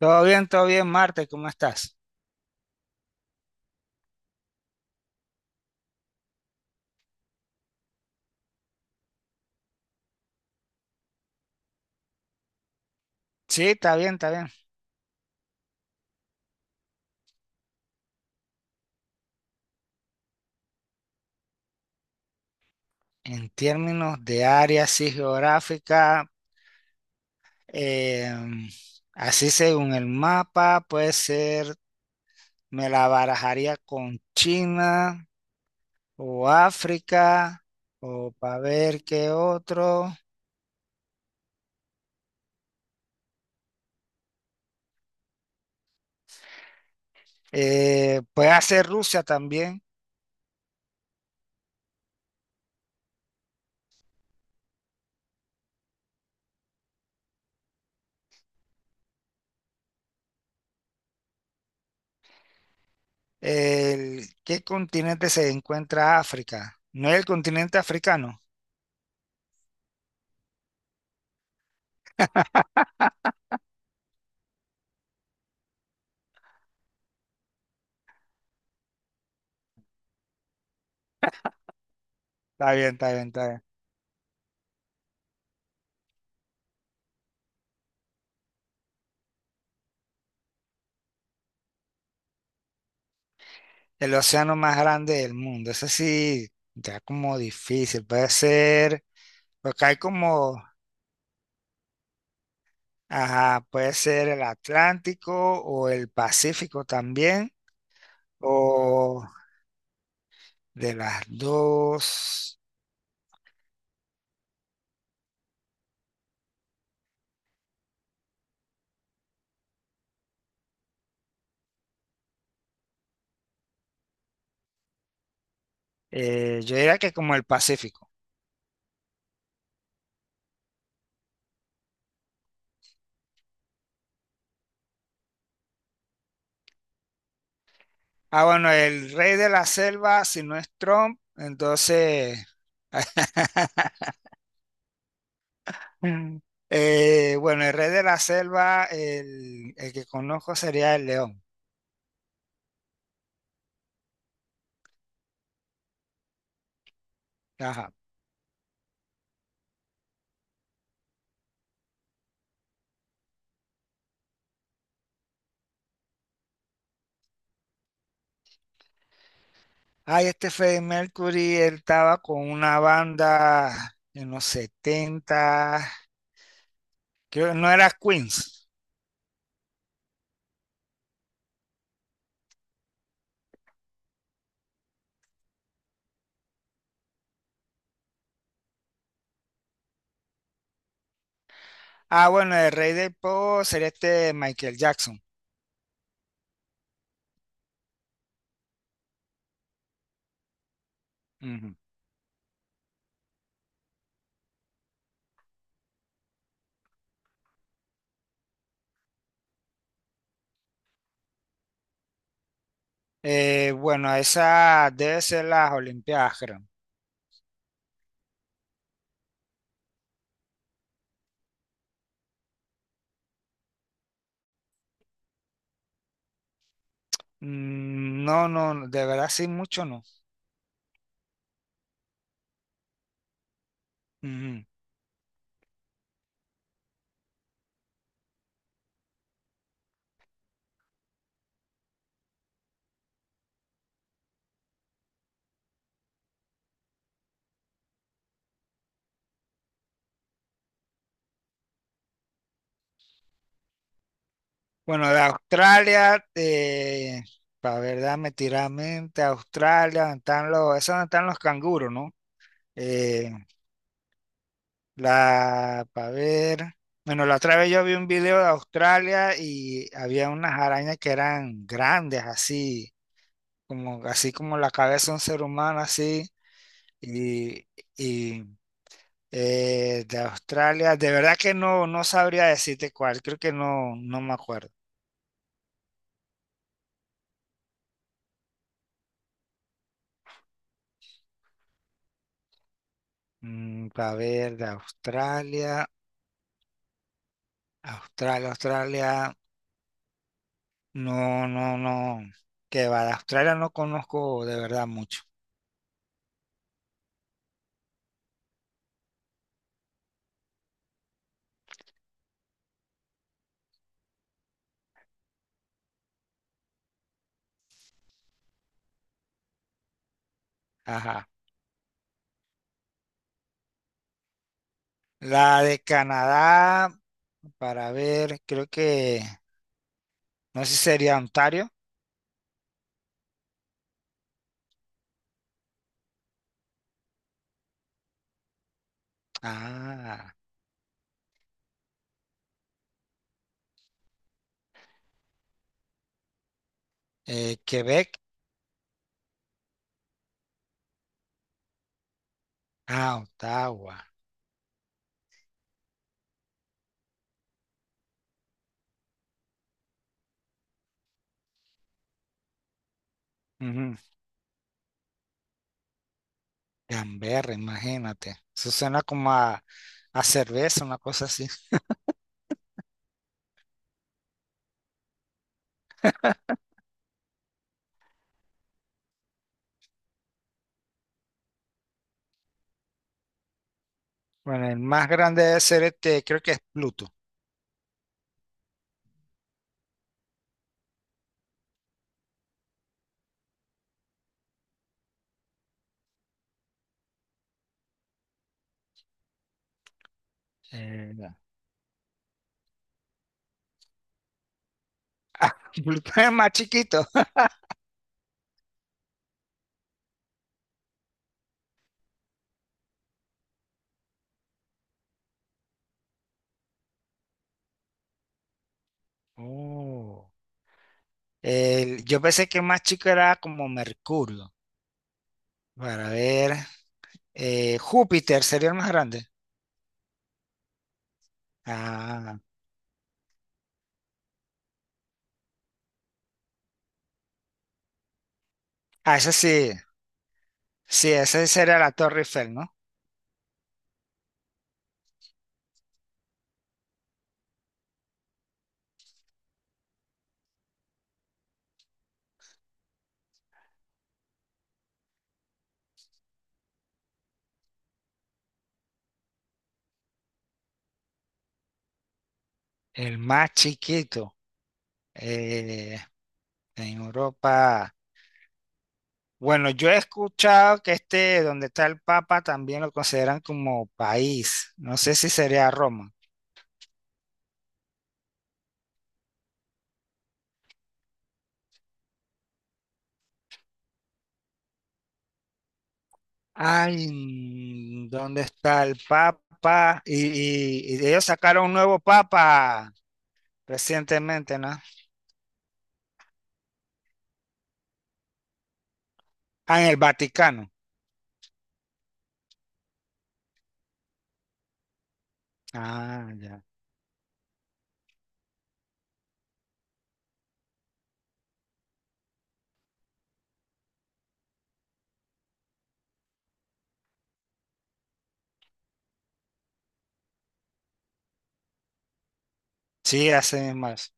Todo bien, Marte, ¿cómo estás? Sí, está bien, está bien. En términos de área así geográfica, em, así según el mapa, puede ser, me la barajaría con China o África o para ver qué otro. Puede ser Rusia también. ¿Qué continente se encuentra África? No es el continente africano. Está bien, está bien, está bien. El océano más grande del mundo. Eso sí, ya como difícil. Puede ser, porque hay como, ajá, puede ser el Atlántico o el Pacífico también, o de las dos. Yo diría que como el Pacífico. Ah, bueno, el rey de la selva, si no es Trump, entonces, bueno, el rey de la selva, el que conozco sería el león. Ajá. Ay, este Freddie Mercury, él estaba con una banda en los 70, creo que no era Queens. Ah, bueno, el rey del pop sería este Michael Jackson. Ujú. Bueno, esa debe ser las Olimpiadas, creo. Mm, no, no, de verdad sí, mucho no. Ujú. Bueno, de Australia, para verdad, me tiramente, Australia, donde están los, eso están los canguros, ¿no? Eh, La, para ver. Bueno, la otra vez yo vi un video de Australia y había unas arañas que eran grandes, así como la cabeza de un ser humano, así. Y, y de Australia, de verdad que no, no sabría decirte cuál, creo que no, no me acuerdo. Mm, para ver, de Australia, Australia, Australia, no, no, no. Que va, de Australia no conozco de verdad mucho. Ajá. La de Canadá. Para ver, creo que, no sé si sería Ontario. Ah, Quebec. Ah, Ottawa. Ujú. Canberra, imagínate. Eso suena como a cerveza, una cosa así. Bueno, el más grande debe ser este, creo que es Pluto. Eh, Pluto es más chiquito. Oh. Yo pensé que el más chico era como Mercurio. Para ver, Júpiter sería el más grande. Ah, ah, ese sí. Sí, ese sería la Torre Eiffel, ¿no? El más chiquito, eh, en Europa. Bueno, yo he escuchado que este, donde está el Papa, también lo consideran como país. No sé si sería Roma. Ay, ¿dónde está el Papa? Y, y ellos sacaron un nuevo Papa recientemente, ¿no? Ah, en el Vaticano. Ah, ya. Sí, hace más.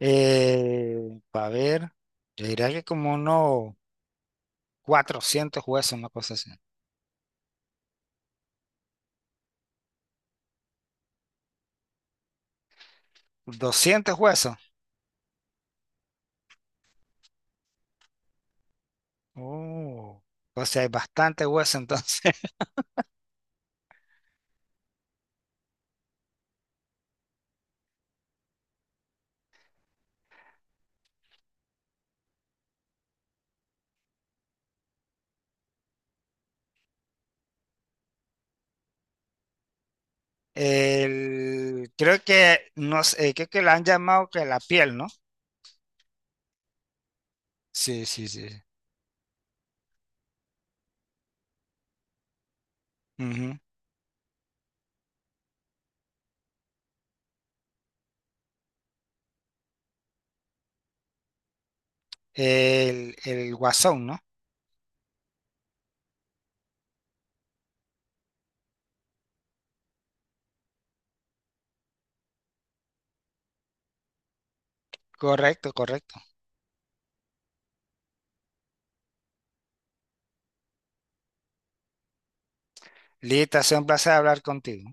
A ver, yo diría que como unos 400 huesos, una cosa así. 200 huesos. Oh, o sea, hay bastante hueso entonces. El, creo que no sé, creo que la han llamado que la piel, ¿no? Sí, sí, sí. Ujú. El guasón, ¿no? Correcto, correcto. Lita, ha sido un placer hablar contigo.